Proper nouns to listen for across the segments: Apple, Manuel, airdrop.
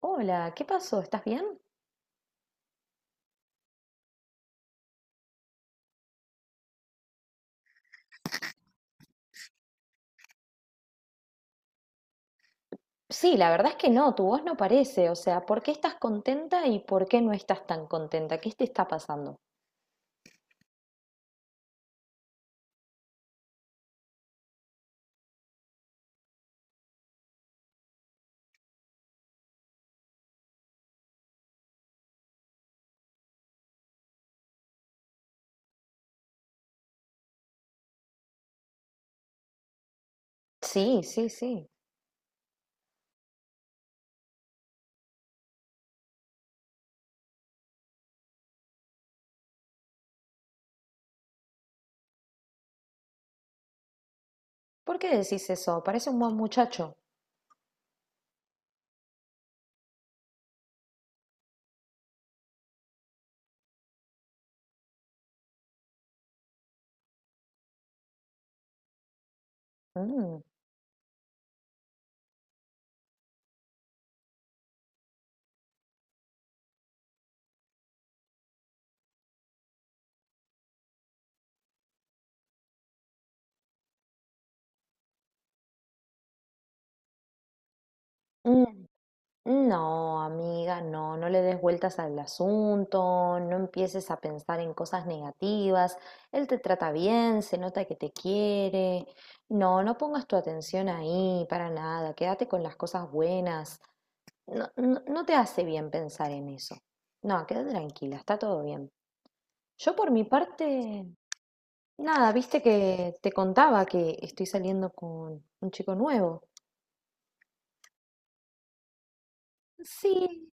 Hola, ¿qué pasó? ¿Estás bien? Sí, la verdad es que no, tu voz no parece. O sea, ¿por qué estás contenta y por qué no estás tan contenta? ¿Qué te está pasando? Sí, sí, sí. ¿Por qué decís eso? Parece un buen muchacho. Mm, mm. No, amiga, no, no le des vueltas al asunto, no empieces a pensar en cosas negativas. Él te trata bien, se nota que te quiere. No, no pongas tu atención ahí, para nada, quédate con las cosas buenas. No, no, no te hace bien pensar en eso. No, quédate tranquila, está todo bien. Yo por mi parte, nada, viste que te contaba que estoy saliendo con un chico nuevo. Sí,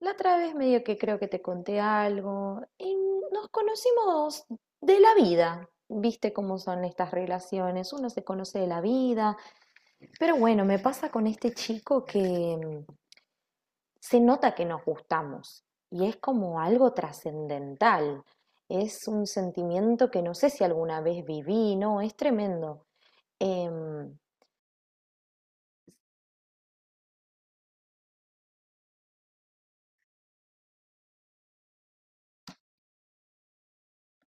la otra vez medio que creo que te conté algo y nos conocimos de la vida. Viste cómo son estas relaciones, uno se conoce de la vida, pero bueno, me pasa con este chico que se nota que nos gustamos y es como algo trascendental. Es un sentimiento que no sé si alguna vez viví, no, es tremendo. Em,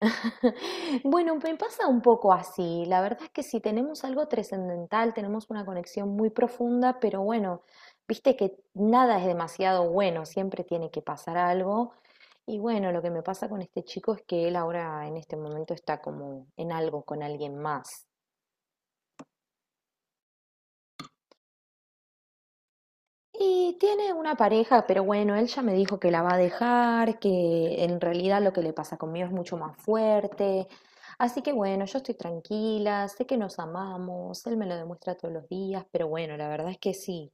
bueno, me pasa un poco así. La verdad es que si tenemos algo trascendental, tenemos una conexión muy profunda, pero bueno, viste que nada es demasiado bueno, siempre tiene que pasar algo. Y bueno, lo que me pasa con este chico es que él ahora en este momento está como en algo con alguien más. Y tiene una pareja, pero bueno, él ya me dijo que la va a dejar, que en realidad lo que le pasa conmigo es mucho más fuerte. Así que bueno, yo estoy tranquila, sé que nos amamos, él me lo demuestra todos los días, pero bueno, la verdad es que sí,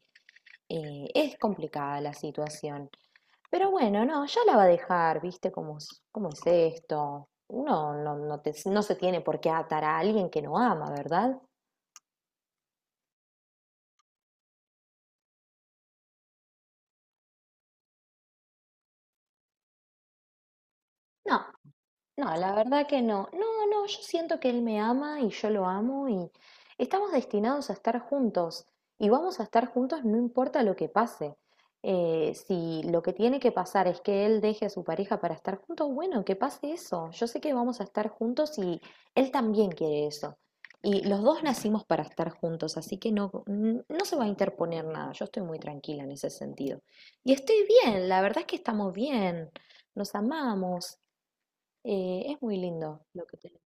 es complicada la situación. Pero bueno, no, ya la va a dejar, ¿viste cómo, cómo es esto? Uno no, no se tiene por qué atar a alguien que no ama, ¿verdad? No. No, la verdad que no. No, no, yo siento que él me ama y yo lo amo y estamos destinados a estar juntos y vamos a estar juntos no importa lo que pase. Si lo que tiene que pasar es que él deje a su pareja para estar juntos, bueno, que pase eso. Yo sé que vamos a estar juntos y él también quiere eso. Y los dos nacimos para estar juntos, así que no, no se va a interponer nada. Yo estoy muy tranquila en ese sentido. Y estoy bien, la verdad es que estamos bien, nos amamos. Es muy lindo lo que tenemos.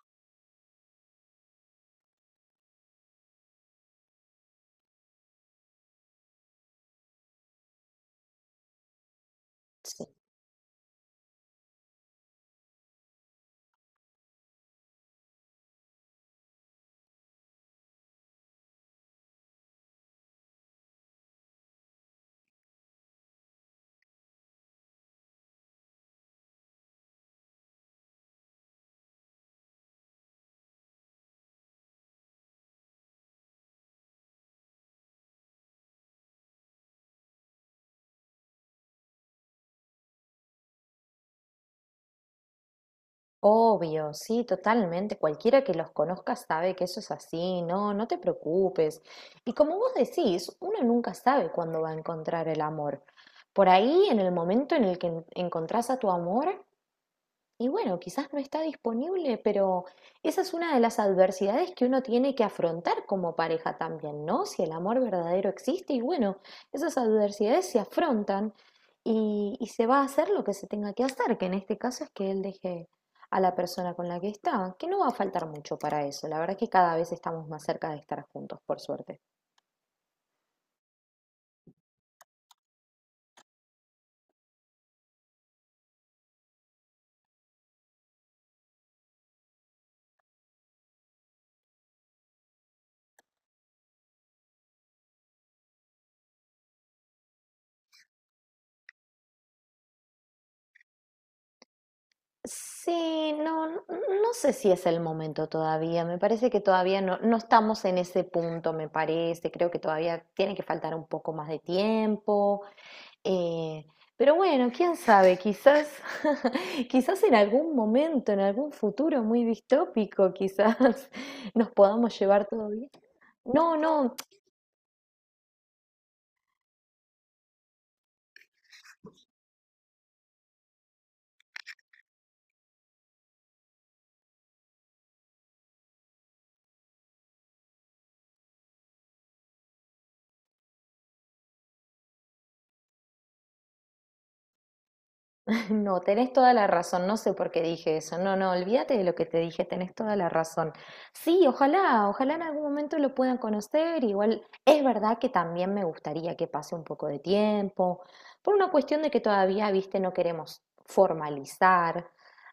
Sí. Obvio, sí, totalmente. Cualquiera que los conozca sabe que eso es así, no, no te preocupes. Y como vos decís, uno nunca sabe cuándo va a encontrar el amor. Por ahí, en el momento en el que encontrás a tu amor, y bueno, quizás no está disponible, pero esa es una de las adversidades que uno tiene que afrontar como pareja también, ¿no? Si el amor verdadero existe y bueno, esas adversidades se afrontan y se va a hacer lo que se tenga que hacer, que en este caso es que él deje a la persona con la que está, que no va a faltar mucho para eso. La verdad que cada vez estamos más cerca de estar juntos, por suerte. Sí, no, no sé si es el momento todavía. Me parece que todavía no, no estamos en ese punto, me parece. Creo que todavía tiene que faltar un poco más de tiempo. eh, pero bueno, quién sabe, quizás, quizás en algún momento, en algún futuro muy distópico, quizás nos podamos llevar todo bien. No, no, no, tenés toda la razón, no sé por qué dije eso. No, no, olvídate de lo que te dije, tenés toda la razón. Sí, ojalá, ojalá en algún momento lo puedan conocer. Igual es verdad que también me gustaría que pase un poco de tiempo, por una cuestión de que todavía, viste, no queremos formalizar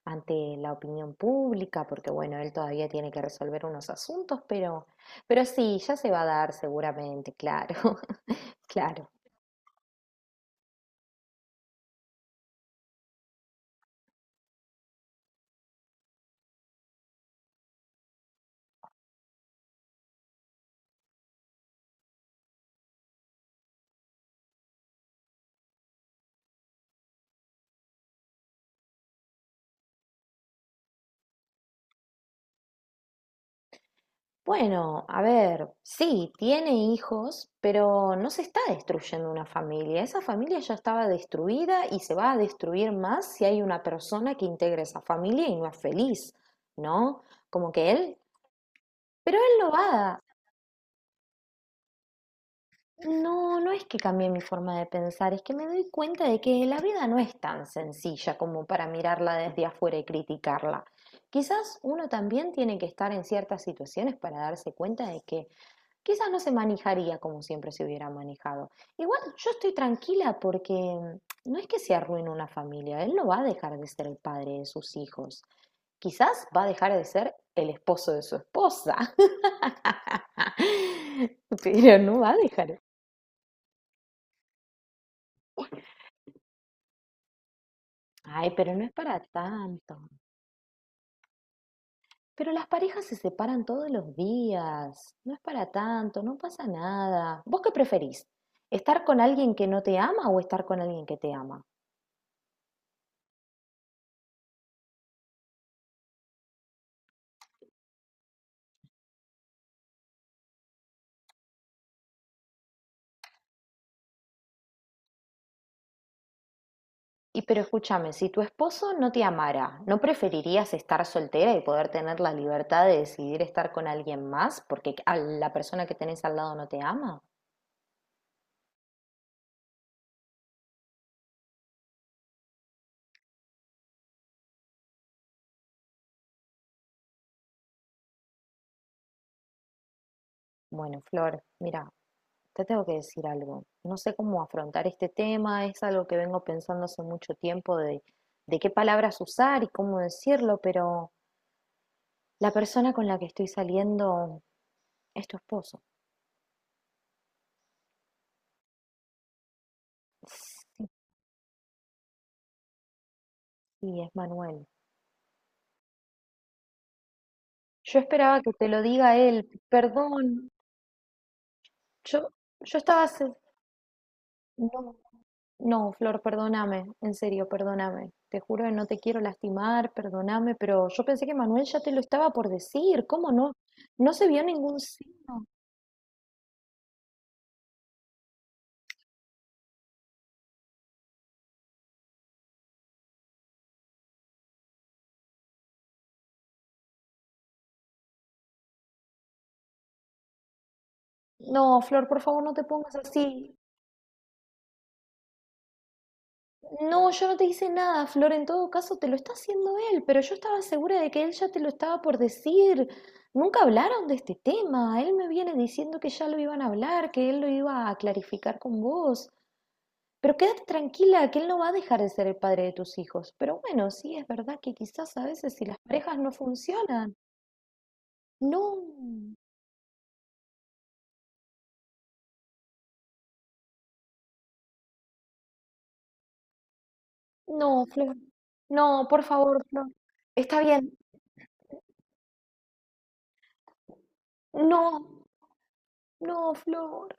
ante la opinión pública, porque bueno, él todavía tiene que resolver unos asuntos, pero sí, ya se va a dar seguramente, claro, claro. Bueno, a ver, sí, tiene hijos, pero no se está destruyendo una familia. Esa familia ya estaba destruida y se va a destruir más si hay una persona que integra esa familia y no es feliz, ¿no? Como que él, pero él lo va a... No, no es que cambie mi forma de pensar, es que me doy cuenta de que la vida no es tan sencilla como para mirarla desde afuera y criticarla. Quizás uno también tiene que estar en ciertas situaciones para darse cuenta de que quizás no se manejaría como siempre se hubiera manejado. Igual yo estoy tranquila porque mm, no es que se arruine una familia, él no va a dejar de ser el padre de sus hijos, quizás va a dejar de ser el esposo de su esposa, pero no va a dejar. Ay, pero no es para tanto. Pero las parejas se separan todos los días, no es para tanto, no pasa nada. ¿Vos qué preferís? ¿Estar con alguien que no te ama o estar con alguien que te ama? Y pero escúchame, si tu esposo no te amara, ¿no preferirías estar soltera y poder tener la libertad de decidir estar con alguien más porque a la persona que tenés al lado no te ama? Bueno, Flor, mira, te tengo que decir algo. No sé cómo afrontar este tema, es algo que vengo pensando hace mucho tiempo de qué palabras usar y cómo decirlo, pero la persona con la que estoy saliendo es tu esposo. Sí, sí, es Manuel. Yo esperaba que te lo diga él, perdón. Yo, yo estaba, no, no, Flor, perdóname, en serio, perdóname. Te juro que no te quiero lastimar, perdóname, pero yo pensé que Manuel ya te lo estaba por decir. ¿Cómo no? No se vio ningún signo. No, Flor, por favor, no te pongas así. No, yo no te hice nada, Flor. En todo caso, te lo está haciendo él, pero yo estaba segura de que él ya te lo estaba por decir. Nunca hablaron de este tema. Él me viene diciendo que ya lo iban a hablar, que él lo iba a clarificar con vos. Pero quédate tranquila, que él no va a dejar de ser el padre de tus hijos. Pero bueno, sí, es verdad que quizás a veces si las parejas no funcionan. No, no, Flor. No, por favor, Flor. Está bien. No, no, Flor.